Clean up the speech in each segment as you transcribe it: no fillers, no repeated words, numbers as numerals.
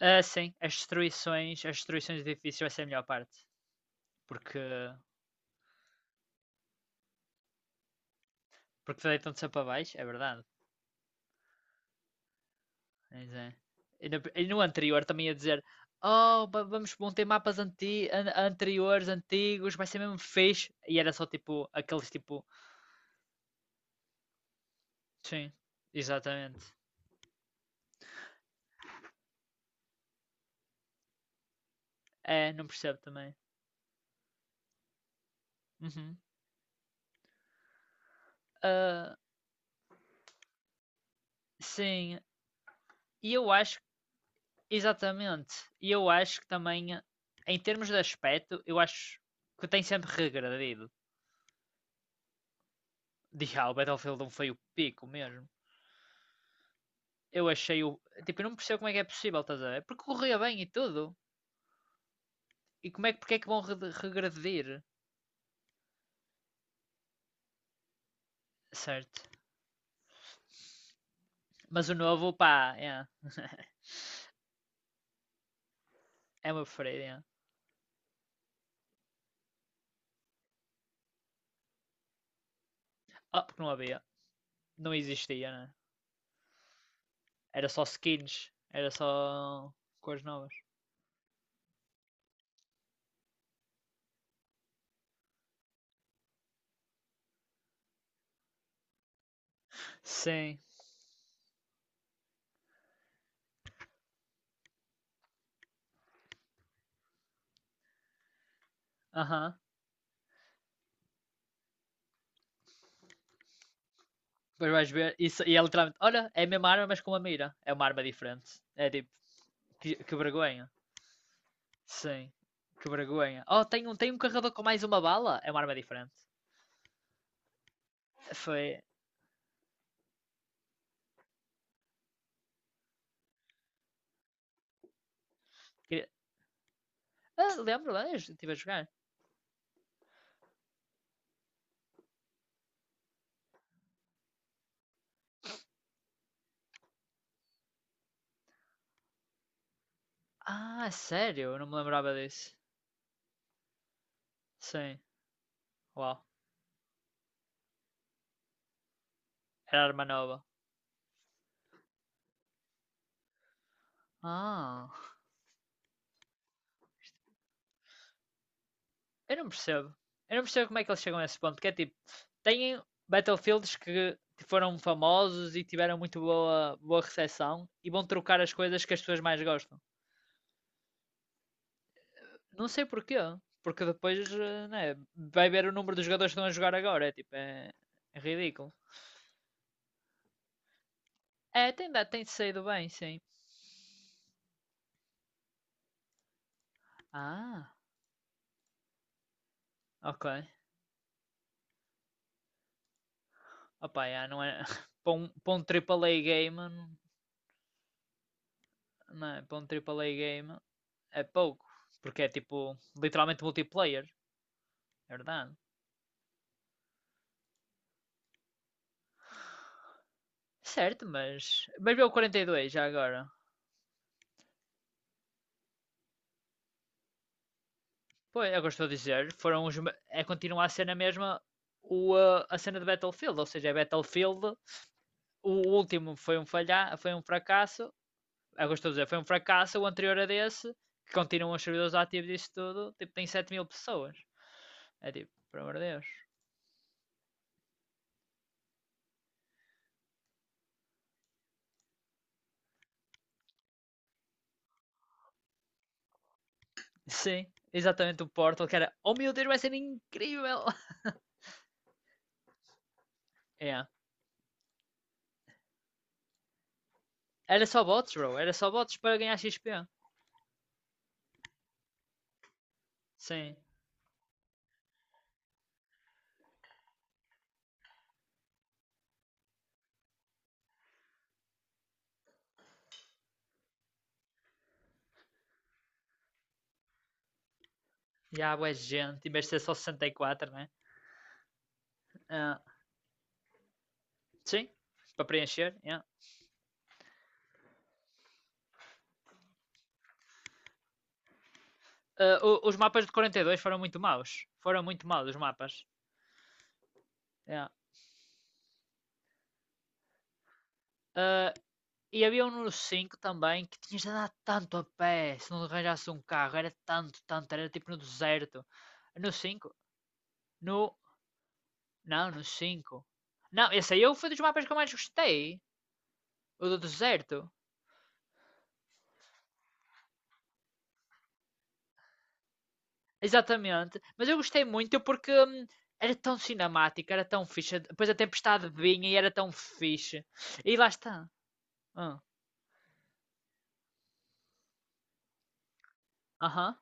Ah, sim, as destruições de edifícios vai ser a melhor parte. Porque, porque deitam-se para baixo, é verdade. Mas é. E no anterior também ia dizer: Oh, vamos, vão ter mapas anteriores, antigos, vai ser mesmo fixe. E era só tipo aqueles tipo. Sim, exatamente. É, não percebo também. Uhum. Ah, sim, e eu acho, exatamente, e eu acho que também, em termos de aspecto, eu acho que tem sempre regredido. Já, o Battlefield um foi o pico mesmo. Eu achei o. Tipo, eu não percebo como é que é possível, estás a ver? Porque corria bem e tudo. E como é que, porque é que vão regredir? Certo. Mas o novo, pá, é. É uma preferida, é. Ah, porque não havia. Não existia, né? Era só skins. Era só cores novas. Sim. Aham. Uhum. Depois vais ver. Isso, e é literalmente. Olha, é a mesma arma, mas com uma mira. É uma arma diferente. É tipo. Que vergonha. Sim. Que vergonha. Oh, tem um carregador com mais uma bala? É uma arma diferente. Foi. Ah, lembro, lá, eu estive a jogar. Ah, sério? Eu não me lembrava disso. Sim. Uau. Era arma nova. Ah. Eu não percebo. Eu não percebo como é que eles chegam a esse ponto. Que é tipo. Têm Battlefields que foram famosos e tiveram muito boa, boa recepção e vão trocar as coisas que as pessoas mais gostam. Não sei porquê. Porque depois né, vai ver o número dos jogadores que estão a jogar agora. É tipo. É, é ridículo. É, tem, tem saído bem, sim. Ah, ok. Opa, yeah, não é... para, para um AAA game, não é? Para um triple A game é pouco, porque é tipo literalmente multiplayer, é verdade. Certo, mas. Mas veio o 42 já agora. Pois, é o que eu estou a dizer, foram os. É continuar a cena mesma o, a cena de Battlefield, ou seja, é Battlefield, o último foi um falha, foi um fracasso, é o que eu estou a dizer, foi um fracasso, o anterior a desse, que continuam os servidores ativos disso tudo, tipo, tem 7 mil pessoas. É tipo, por amor de Deus. Sim, exatamente o Portal, que era, oh meu Deus, vai ser incrível! É. Era só bots, bro, era só bots para ganhar XP. Sim. E há boa gente, em vez de ser só 64, né? Ah, sim, para preencher. Yeah. Ah, os mapas de 42 foram muito maus. Foram muito maus os mapas. Yeah. Ah, e havia um número 5 também que tinhas de andar tanto a pé se não arranjasse um carro. Era tanto, tanto, era tipo no deserto. No 5 no Não, no cinco. Não, esse aí foi dos mapas que eu mais gostei. O do deserto. Exatamente. Mas eu gostei muito porque era tão cinemático, era tão fixe. Depois a tempestade vinha e era tão fixe. E lá está. Aham. Aham.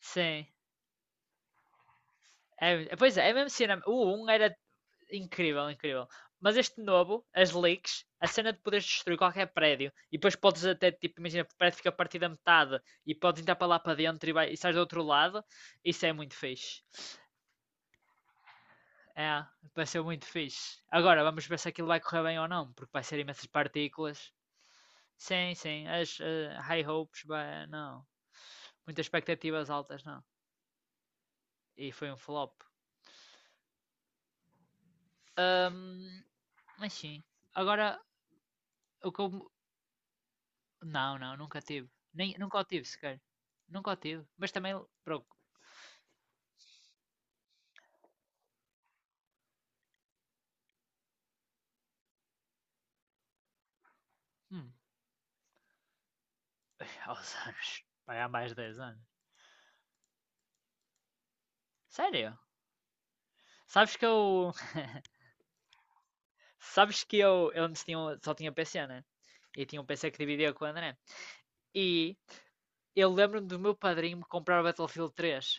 Sim. Pois é, é mesmo cinema. O um era incrível, incrível. Mas este novo, as leaks, a cena de poderes destruir qualquer prédio e depois podes até, tipo, imagina, o prédio fica partido da metade e podes entrar para lá para dentro e, vai, e sais do outro lado, isso é muito fixe. É, vai ser muito fixe. Agora, vamos ver se aquilo vai correr bem ou não, porque vai ser imensas partículas. Sim, sim, as high hopes, não. Muitas expectativas altas, não. E foi um flop. Ahm, mas sim. Agora, o que eu... Não, não, nunca tive. Nem, nunca o tive sequer. Nunca o tive. Mas também, bro, hum, aos anos. Vai há mais de 10 anos. Sério? Sabes que eu... Sabes que eu antes tinha, só tinha PC, né? E tinha um PC que dividia com o André. E eu lembro-me do meu padrinho me comprar o Battlefield 3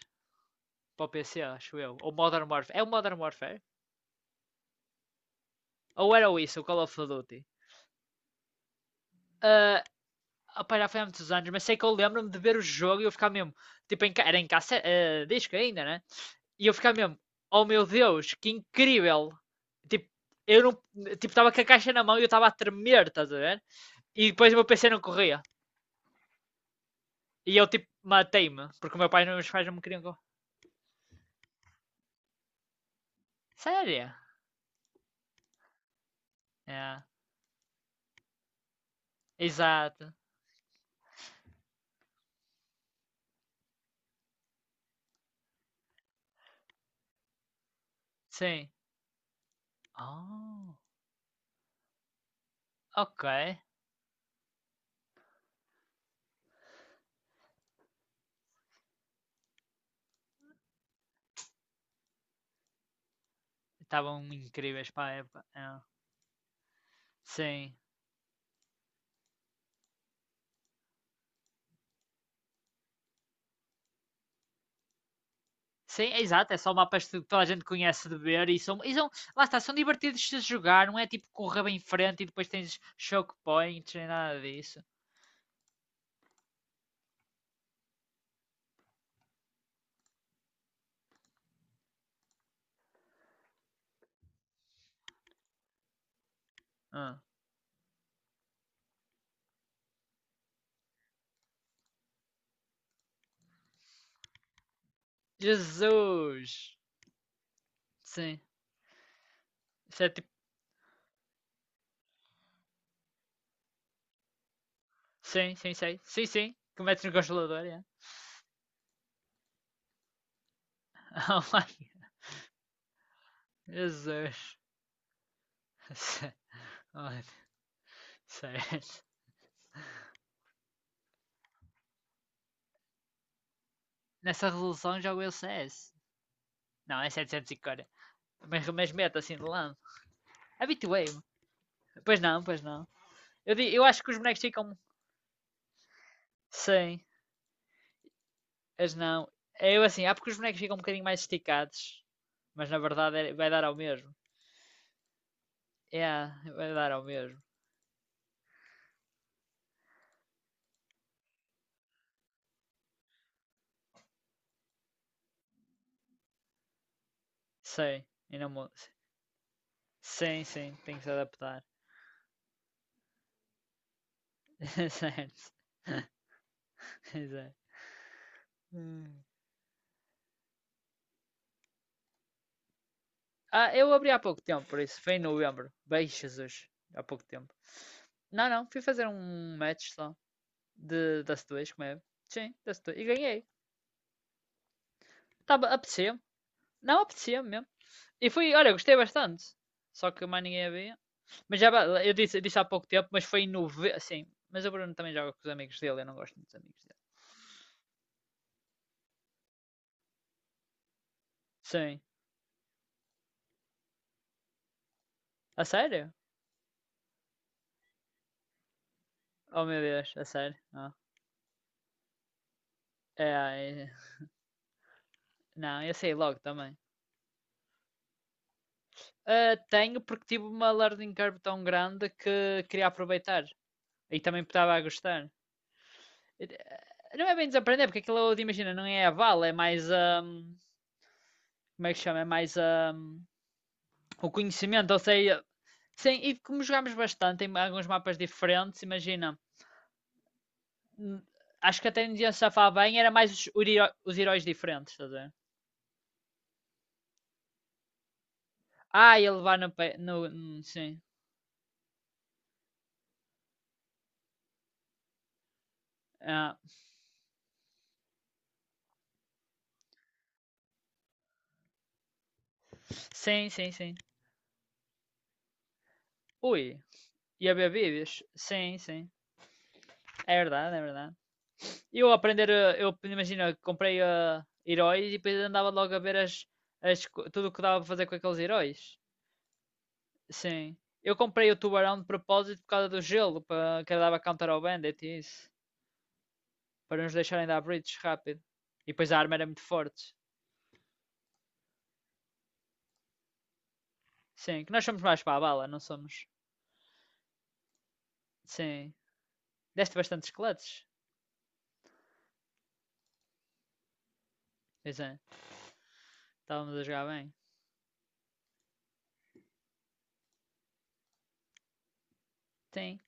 para o PC, acho eu. Ou Modern Warfare. É o Modern Warfare? Ou era o isso, o Call of Duty? Ah, opá, já foi há muitos anos, mas sei que eu lembro-me de ver o jogo e eu ficar mesmo. Tipo, em, era em cassete, disco ainda, né? E eu ficar mesmo, oh meu Deus, que incrível! Tipo, eu não. Tipo, estava com a caixa na mão e eu estava a tremer, estás a ver? E depois o meu PC não corria. E eu, tipo, matei-me, porque o meu pai e os meus pais não me queriam. Sério? É, exato. Sim. Oh. Ok, estavam incríveis para a época. É. Sim. Sim, é exato, é só mapas que toda a gente conhece de ver e são, lá está, são divertidos de se jogar, não é tipo correr bem em frente e depois tens choke points, nem nada disso. Ah. Jesus! Sim, isso é tipo, sim, sim, sei, sim, sim, que metes no congelador, é. Oh, Jesus! Sé- Olha, sério. Nessa resolução jogo eu CS. Não, é 740. Mas meto assim de lado. Habituei-me. Pois não, pois não. Eu, eu acho que os bonecos ficam sim, as não. É. Eu assim, há porque os bonecos ficam um bocadinho mais esticados, mas na verdade vai dar ao mesmo. É, vai dar ao mesmo. Sim, e não mu- Sim, sim, tem que se adaptar. Certo, exato. Hum. Ah, eu abri há pouco tempo, por isso, foi em novembro. Beijo, Jesus, há pouco tempo. Não, não, fui fazer um match só de Dust 2, como é? Sim, Dust 2, e ganhei. Tava, apetecia-me, não apetecia-me mesmo. E fui, olha, gostei bastante. Só que mais ninguém havia. Mas já eu disse, disse há pouco tempo, mas foi em novembro. Sim, mas o Bruno também joga com os amigos dele, eu não gosto muito dos amigos dele. Sim. A sério? Oh meu Deus, a sério? Ah. É, é- não, eu sei logo também. Ah, tenho porque tive uma learning curve tão grande que queria aproveitar. E também estava a gostar. Eh, Não é bem desaprender, porque aquilo, imagina, não é a vala, é mais a. Como é que chama? É mais a. O conhecimento, ou sei, sim, e como jogámos bastante em alguns mapas diferentes, imagina, hum, acho que até não ia safar bem, era mais os, os heróis diferentes, estás a ver? Ah, ia levar no, pe- no, sim. Ah, sim, sim, sim. Ui, ia ver vídeos? Sim, sim. É verdade, é verdade. Eu aprender, eu imagina, comprei heróis e depois andava logo a ver as, tudo o que dava para fazer com aqueles heróis. Sim. Eu comprei o tubarão de propósito por causa do gelo, para que dava counter ao Bandit e isso. Para nos deixarem dar breaches rápido. E depois a arma era muito forte. Sim, que nós somos mais para a bala, não somos? Sim. Deste bastantes clutches. Pois é, estávamos a jogar bem. Sim.